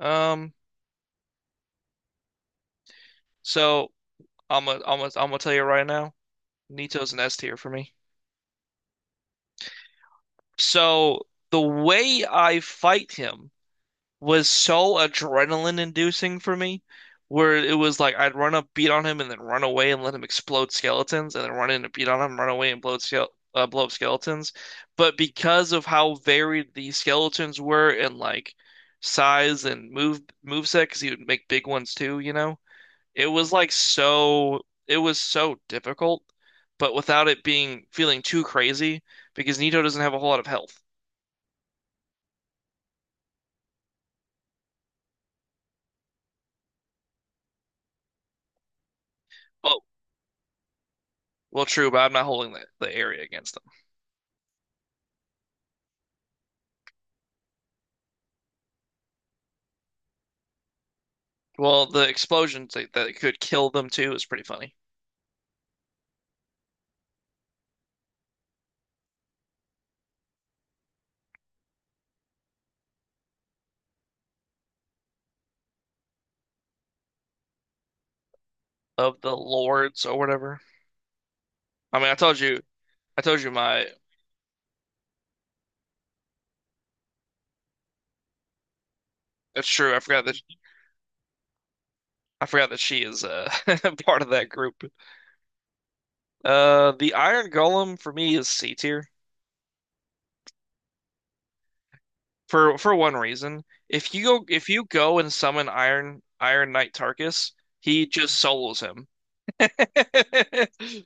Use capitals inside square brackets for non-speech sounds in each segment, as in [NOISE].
Um, so I'm gonna tell you right now, Nito's an S tier for me. So the way I fight him was so adrenaline inducing for me, where it was like I'd run up, beat on him, and then run away and let him explode skeletons, and then run in and beat on him, run away and blow up skeletons. But because of how varied the skeletons were in like size and move set, because he would make big ones too, it was like it was so difficult, but without it being feeling too crazy because Nito doesn't have a whole lot of health. Oh, well, true, but I'm not holding the area against them. Well, the explosions that could kill them too is pretty funny. Of the lords or whatever. I mean, I told you my. That's true. I forgot that she is [LAUGHS] part of that group. The Iron Golem for me is C tier. For one reason. If you go and summon Iron Knight Tarkus, he just solos him. [LAUGHS]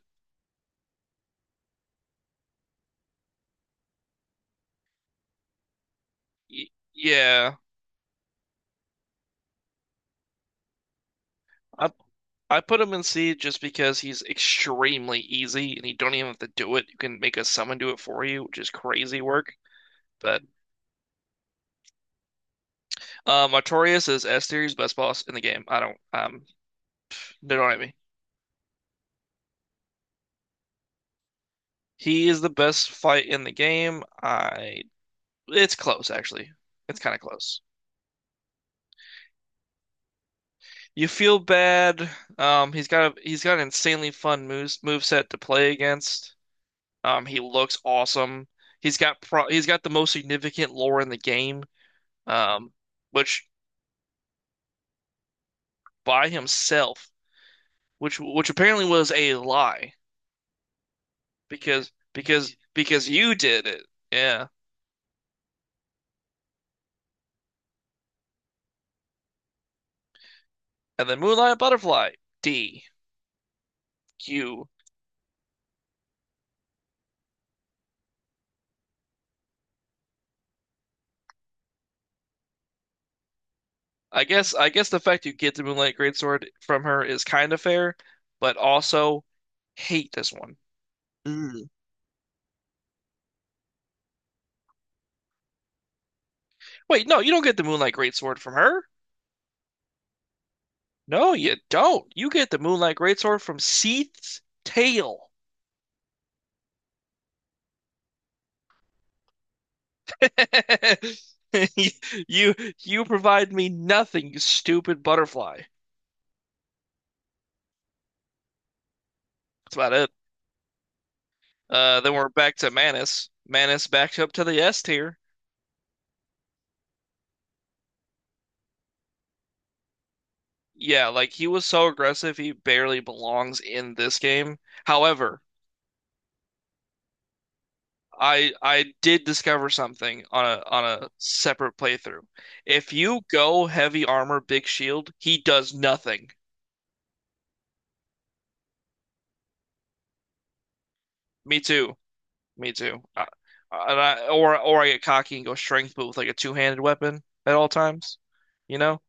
Y- Yeah, I I put him in C just because he's extremely easy and you don't even have to do it. You can make a summon do it for you, which is crazy work. But Artorias is S tier, he's best boss in the game. I don't they don't at me. He is the best fight in the game. I it's close actually. It's kind of close. You feel bad. He's got an insanely fun moveset to play against. He looks awesome. He's got the most significant lore in the game. Um, which by himself, which apparently was a lie because because you did it. Yeah. And then Moonlight Butterfly D Q. I guess the fact you get the Moonlight Greatsword from her is kind of fair, but also hate this one. Mm. Wait, no, you don't get the Moonlight Greatsword from her. No, you don't. You get the Moonlight Greatsword from Seath's tail. [LAUGHS] You, you you provide me nothing, you stupid butterfly. That's about it. Then we're back to Manus. Manus backed up to the S tier. Yeah, like he was so aggressive, he barely belongs in this game. However, I did discover something on a separate playthrough. If you go heavy armor, big shield, he does nothing. Me too. Me too. And I, or I get cocky and go strength, but with like a two-handed weapon at all times, you know.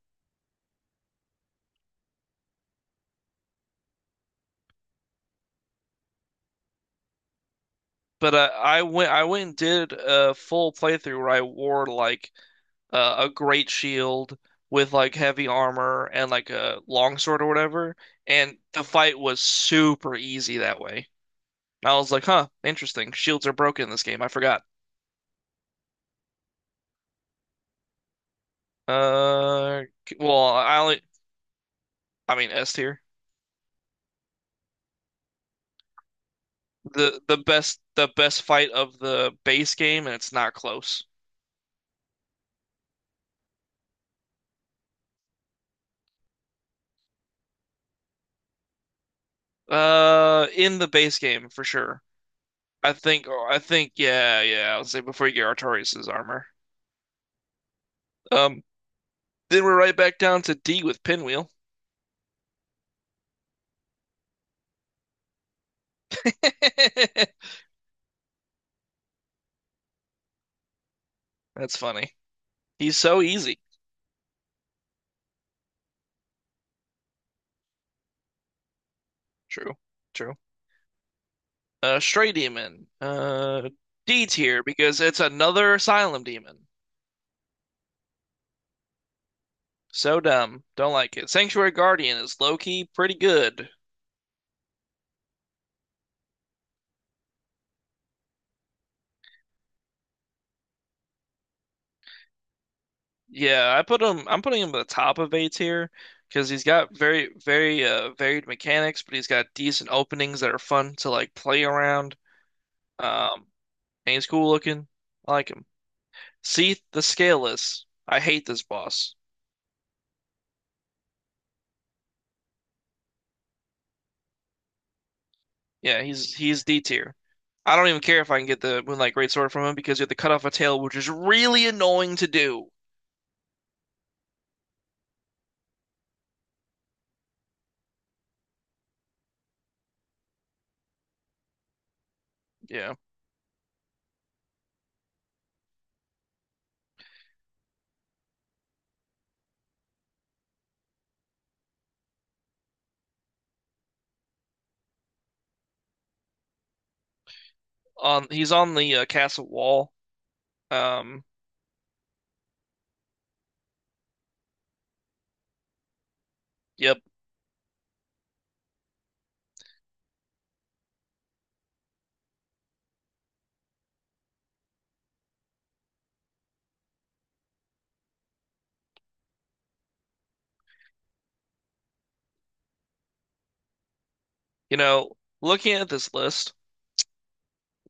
But I went and did a full playthrough where I wore like a great shield with like heavy armor and like a longsword or whatever, and the fight was super easy that way. I was like, huh, interesting. Shields are broken in this game. I forgot. Uh, well, I mean S tier. The best the best fight of the base game, and it's not close. In the base game for sure. I think yeah. I'll say before you get Artorias armor. Um, then we're right back down to D with Pinwheel. [LAUGHS] That's funny. He's so easy. True, true. Stray Demon. D tier because it's another Asylum Demon. So dumb. Don't like it. Sanctuary Guardian is low key pretty good. Yeah, I'm putting him at the top of A tier because he's got very, very varied mechanics, but he's got decent openings that are fun to like play around. Um, and he's cool looking. I like him. See the Scaleless. I hate this boss. Yeah, he's D tier. I don't even care if I can get the Moonlight Greatsword from him because you have to cut off a tail, which is really annoying to do. Yeah, on he's on the castle wall. Um, yep. You know, looking at this list.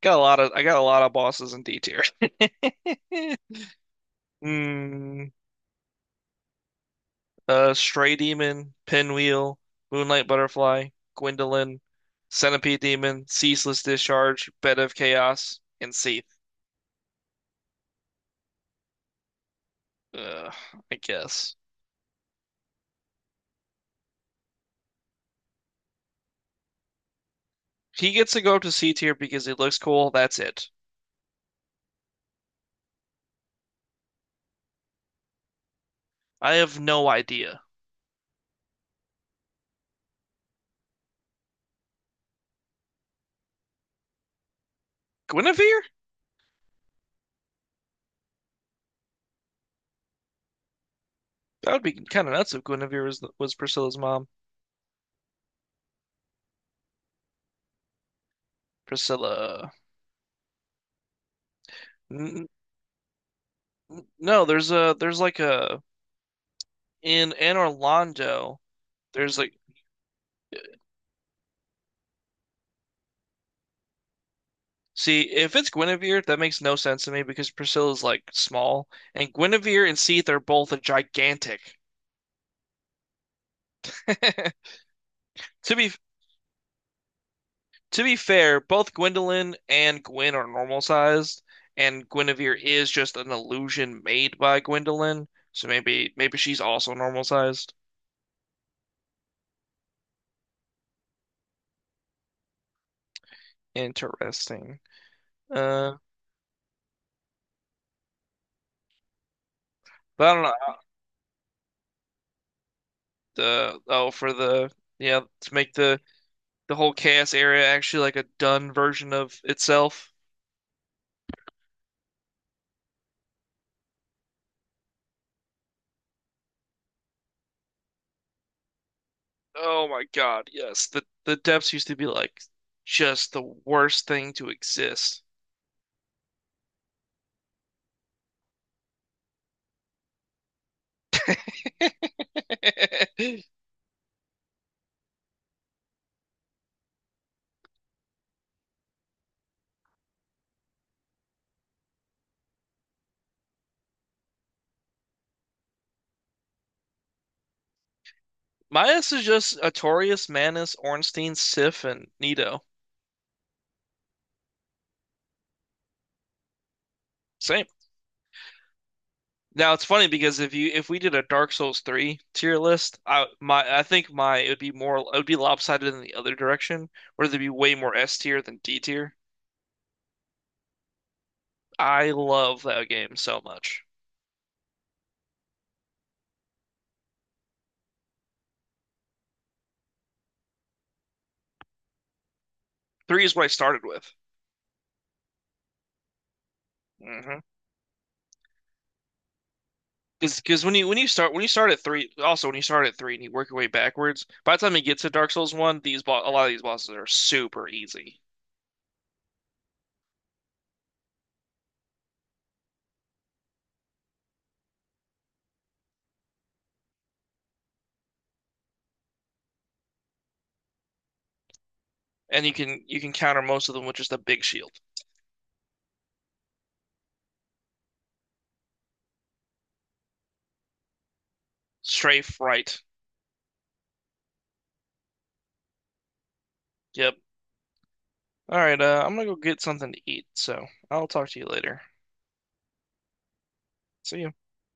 Got a lot of bosses in D tier. [LAUGHS] Mm, Stray Demon, Pinwheel, Moonlight Butterfly, Gwendolyn, Centipede Demon, Ceaseless Discharge, Bed of Chaos, and Seath. Uh, I guess. He gets to go up to C tier because he looks cool. That's it. I have no idea. Guinevere? That would be kind of nuts if Guinevere was Priscilla's mom. Priscilla. N no, there's a there's like a in Orlando. There's like see, if it's Guinevere, that makes no sense to me because Priscilla's like small, and Guinevere and Seath are both gigantic. [LAUGHS] To be to be fair, both Gwendolyn and Gwen are normal sized, and Guinevere is just an illusion made by Gwendolyn. So maybe she's also normal sized. Interesting. Uh, but I don't know. The oh for the yeah to make the whole chaos area actually like a done version of itself. Oh my God, yes. The depths used to be like just the worst thing to exist. Midas is just Artorias, Manus, Ornstein, Sif, and Nito. Same. Now it's funny because if we did a Dark Souls 3 tier list, I my I think my it would be more it would be lopsided in the other direction, where there'd be way more S tier than D tier. I love that game so much. Three is what I started with. Hmm Because when you start at three, also when you start at three and you work your way backwards, by the time you get to Dark Souls one, these bo a lot of these bosses are super easy, and you can counter most of them with just a big shield. Strafe right. Yep. All right. I'm gonna go get something to eat, so I'll talk to you later. See ya.